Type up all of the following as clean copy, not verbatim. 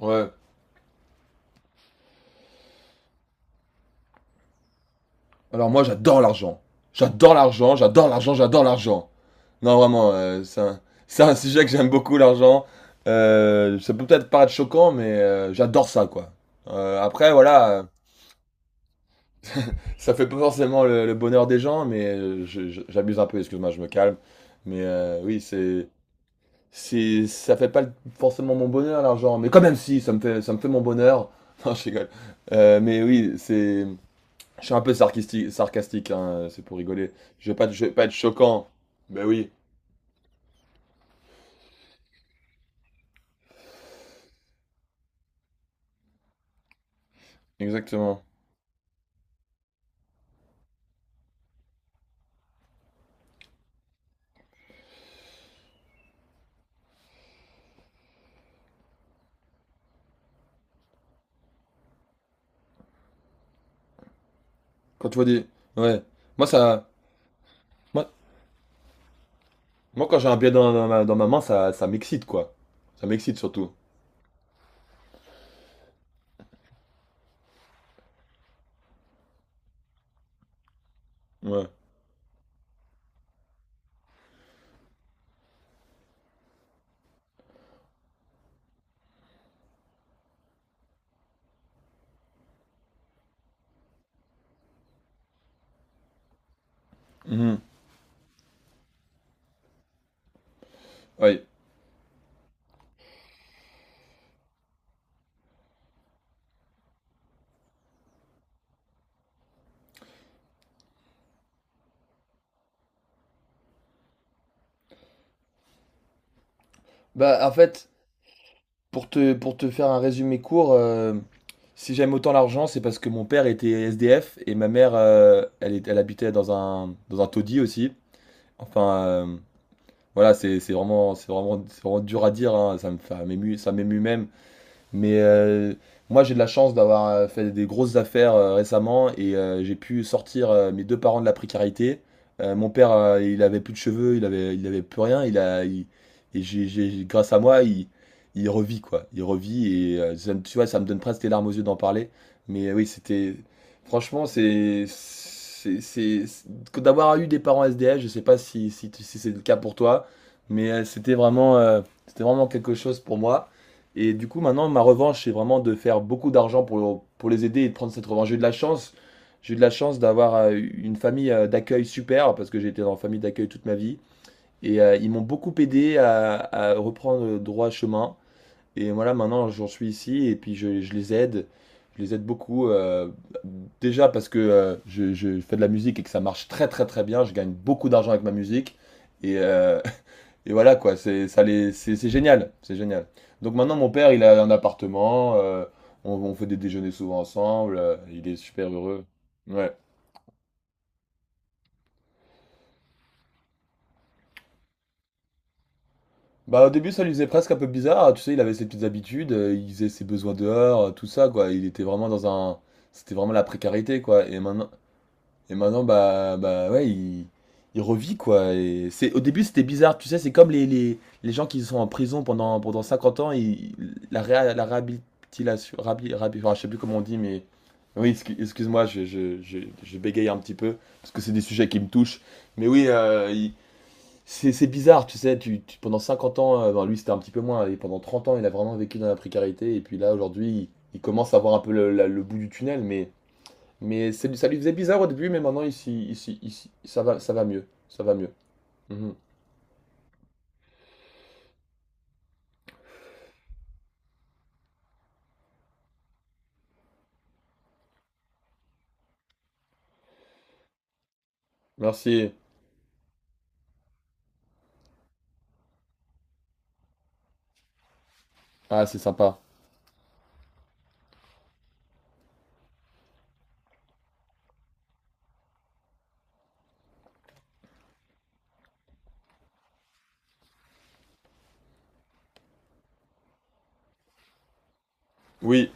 Ouais. Alors moi, j'adore l'argent. J'adore l'argent, j'adore l'argent, j'adore l'argent. Non, vraiment, c'est c'est un sujet que j'aime beaucoup, l'argent. Ça peut peut-être paraître choquant, mais j'adore ça, quoi. Après, voilà, ça fait pas forcément le bonheur des gens, mais j'abuse un peu, excuse-moi, je me calme. Mais oui, c'est, ça fait pas forcément mon bonheur, l'argent. Mais quand même, si, ça me fait mon bonheur. Non, je rigole. Mais oui, je suis un peu sarcastique, sarcastique hein, c'est pour rigoler. Je veux pas, je veux pas être choquant. Ben oui, exactement. Quand tu vois des... Ouais. Moi, ça... Moi, Moi, quand j'ai un billet dans dans ma main, ça m'excite, quoi. Ça m'excite surtout. Ouais. Mhm. Ouais. Bah, en fait, pour te faire un résumé court, si j'aime autant l'argent, c'est parce que mon père était SDF et ma mère, elle, elle habitait dans un taudis aussi. Enfin, voilà, c'est vraiment, c'est vraiment, c'est vraiment dur à dire, hein. Ça m'émue même. Mais moi, j'ai de la chance d'avoir fait des grosses affaires récemment et j'ai pu sortir mes deux parents de la précarité. Mon père, il avait plus de cheveux, il avait plus rien. Et grâce à moi, il revit quoi. Il revit et ça tu vois, ça me donne presque des larmes aux yeux d'en parler. Mais oui, franchement, d'avoir eu des parents SDF. Je sais pas si, si, si c'est le cas pour toi, mais c'était vraiment quelque chose pour moi. Et du coup, maintenant, ma revanche, c'est vraiment de faire beaucoup d'argent pour les aider et de prendre cette revanche. J'ai eu de la chance. J'ai eu de la chance d'avoir une famille d'accueil super, parce que j'ai été dans une famille d'accueil toute ma vie. Et ils m'ont beaucoup aidé à reprendre le droit chemin. Et voilà, maintenant, j'en suis ici et puis je les aide. Je les aide beaucoup. Déjà parce que je fais de la musique et que ça marche très très très bien. Je gagne beaucoup d'argent avec ma musique. Et, euh, et voilà quoi, c'est ça les c'est génial, c'est génial. Donc maintenant mon père, il a un appartement, on fait des déjeuners souvent ensemble, il est super heureux. Ouais. Bah au début ça lui faisait presque un peu bizarre, tu sais, il avait ses petites habitudes, il faisait ses besoins dehors, tout ça quoi, il était vraiment dans un c'était vraiment la précarité quoi. Et maintenant, bah, bah ouais, il revit quoi. Et c'est, au début, c'était bizarre, tu sais, c'est comme les, les gens qui sont en prison pendant 50 ans, la réhabilitation, enfin, je sais plus comment on dit, mais oui, excuse-moi, je bégaye un petit peu, parce que c'est des sujets qui me touchent. Mais oui, c'est bizarre, tu sais, pendant 50 ans, ben, lui c'était un petit peu moins, et pendant 30 ans, il a vraiment vécu dans la précarité, et puis là, aujourd'hui, il commence à voir un peu le bout du tunnel, ça lui faisait bizarre au début, mais maintenant, ici, ça va mieux. Ça va mieux. Mhm. Merci. Ah, c'est sympa. Oui,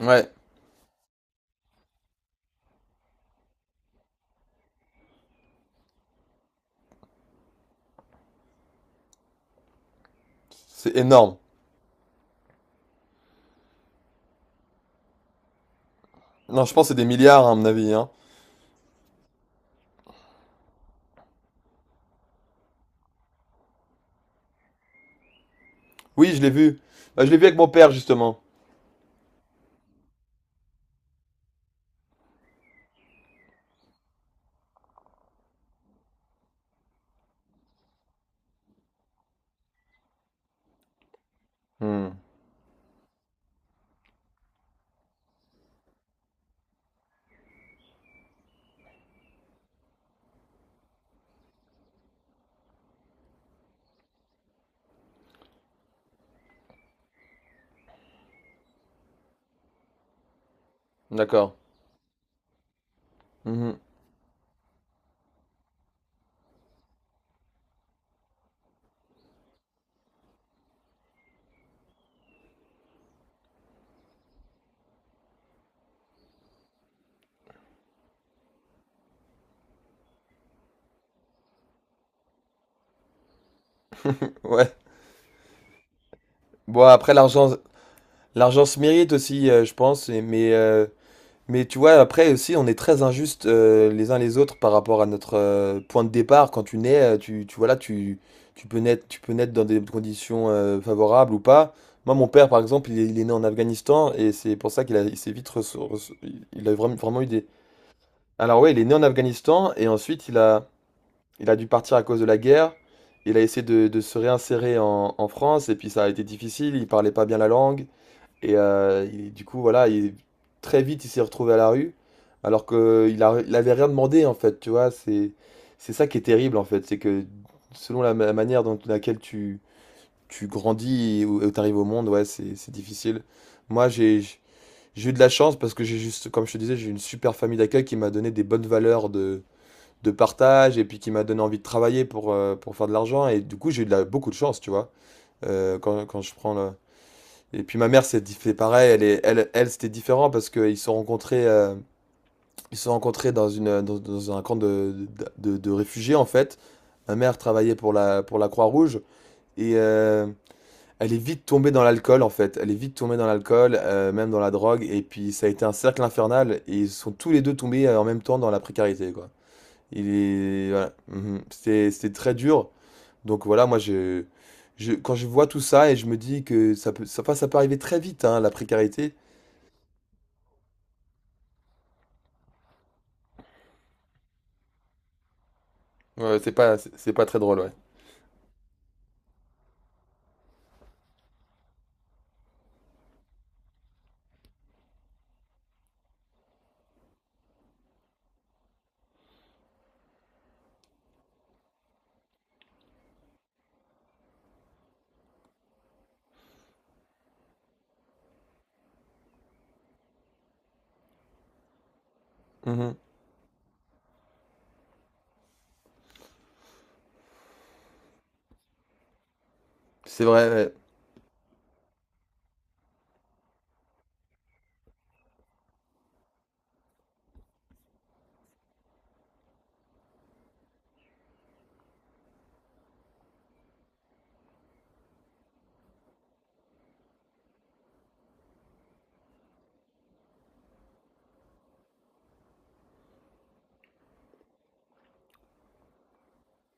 ouais, c'est énorme. Non, je pense que c'est des milliards, hein, à mon avis, hein. Oui, je l'ai vu. Bah, je l'ai vu avec mon père, justement. Hmm, d'accord. Mhm. Ouais. Bon, après, l'argent se mérite aussi, je pense, mais mais tu vois, après aussi, on est très injuste les uns les autres par rapport à notre point de départ. Quand tu nais, voilà, tu, tu peux naître dans des conditions favorables ou pas. Moi, mon père, par exemple, il est né en Afghanistan et c'est pour ça qu'il a, il s'est vite il a vraiment, vraiment eu des. Alors ouais, il est né en Afghanistan et ensuite il a dû partir à cause de la guerre. Il a essayé de se réinsérer en, en France et puis ça a été difficile. Il parlait pas bien la langue. Et du coup, voilà, très vite, il s'est retrouvé à la rue, alors qu'il avait rien demandé, en fait, tu vois. C'est ça qui est terrible, en fait. C'est que selon manière dont laquelle tu, tu grandis et où tu arrives au monde, ouais, c'est difficile. Moi, j'ai eu de la chance parce que j'ai juste, comme je te disais, j'ai eu une super famille d'accueil qui m'a donné des bonnes valeurs de partage et puis qui m'a donné envie de travailler pour faire de l'argent. Et du coup, j'ai eu de beaucoup de chance, tu vois. Quand je prends le, et puis ma mère fait pareil, elle c'était différent parce qu'ils se sont rencontrés, ils se sont rencontrés dans une, dans un camp de, de réfugiés en fait. Ma mère travaillait pour la Croix-Rouge et elle est vite tombée dans l'alcool en fait. Elle est vite tombée dans l'alcool, même dans la drogue. Et puis ça a été un cercle infernal et ils sont tous les deux tombés en même temps dans la précarité quoi. Il est, voilà. Mhm. C'était, c'était très dur. Donc voilà, quand je vois tout ça et je me dis que ça peut, ça, enfin, ça peut arriver très vite hein, la précarité. Ouais, c'est pas, c'est pas très drôle, ouais. Mhm. C'est vrai, ouais.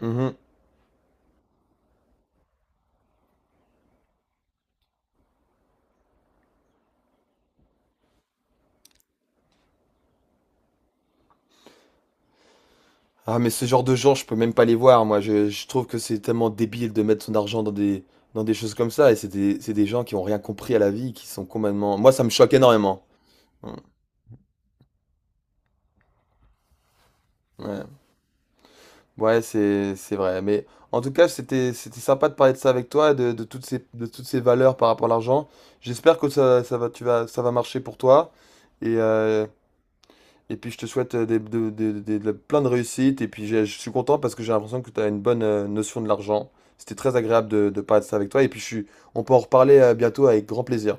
Mhm. Ah, mais ce genre de gens, je peux même pas les voir, moi. Je trouve que c'est tellement débile de mettre son argent dans des choses comme ça. Et c'est des gens qui ont rien compris à la vie, qui sont complètement... Moi, ça me choque énormément. Mm, ouais, ouais, c'est vrai. Mais en tout cas, c'était, c'était sympa de parler de ça avec toi, de toutes ces valeurs par rapport à l'argent. J'espère que ça va, tu vas, ça va marcher pour toi. Et, et puis je te souhaite plein de réussite. Et puis je suis content parce que j'ai l'impression que tu as une bonne notion de l'argent. C'était très agréable de parler de ça avec toi. Et puis je suis, on peut en reparler bientôt avec grand plaisir.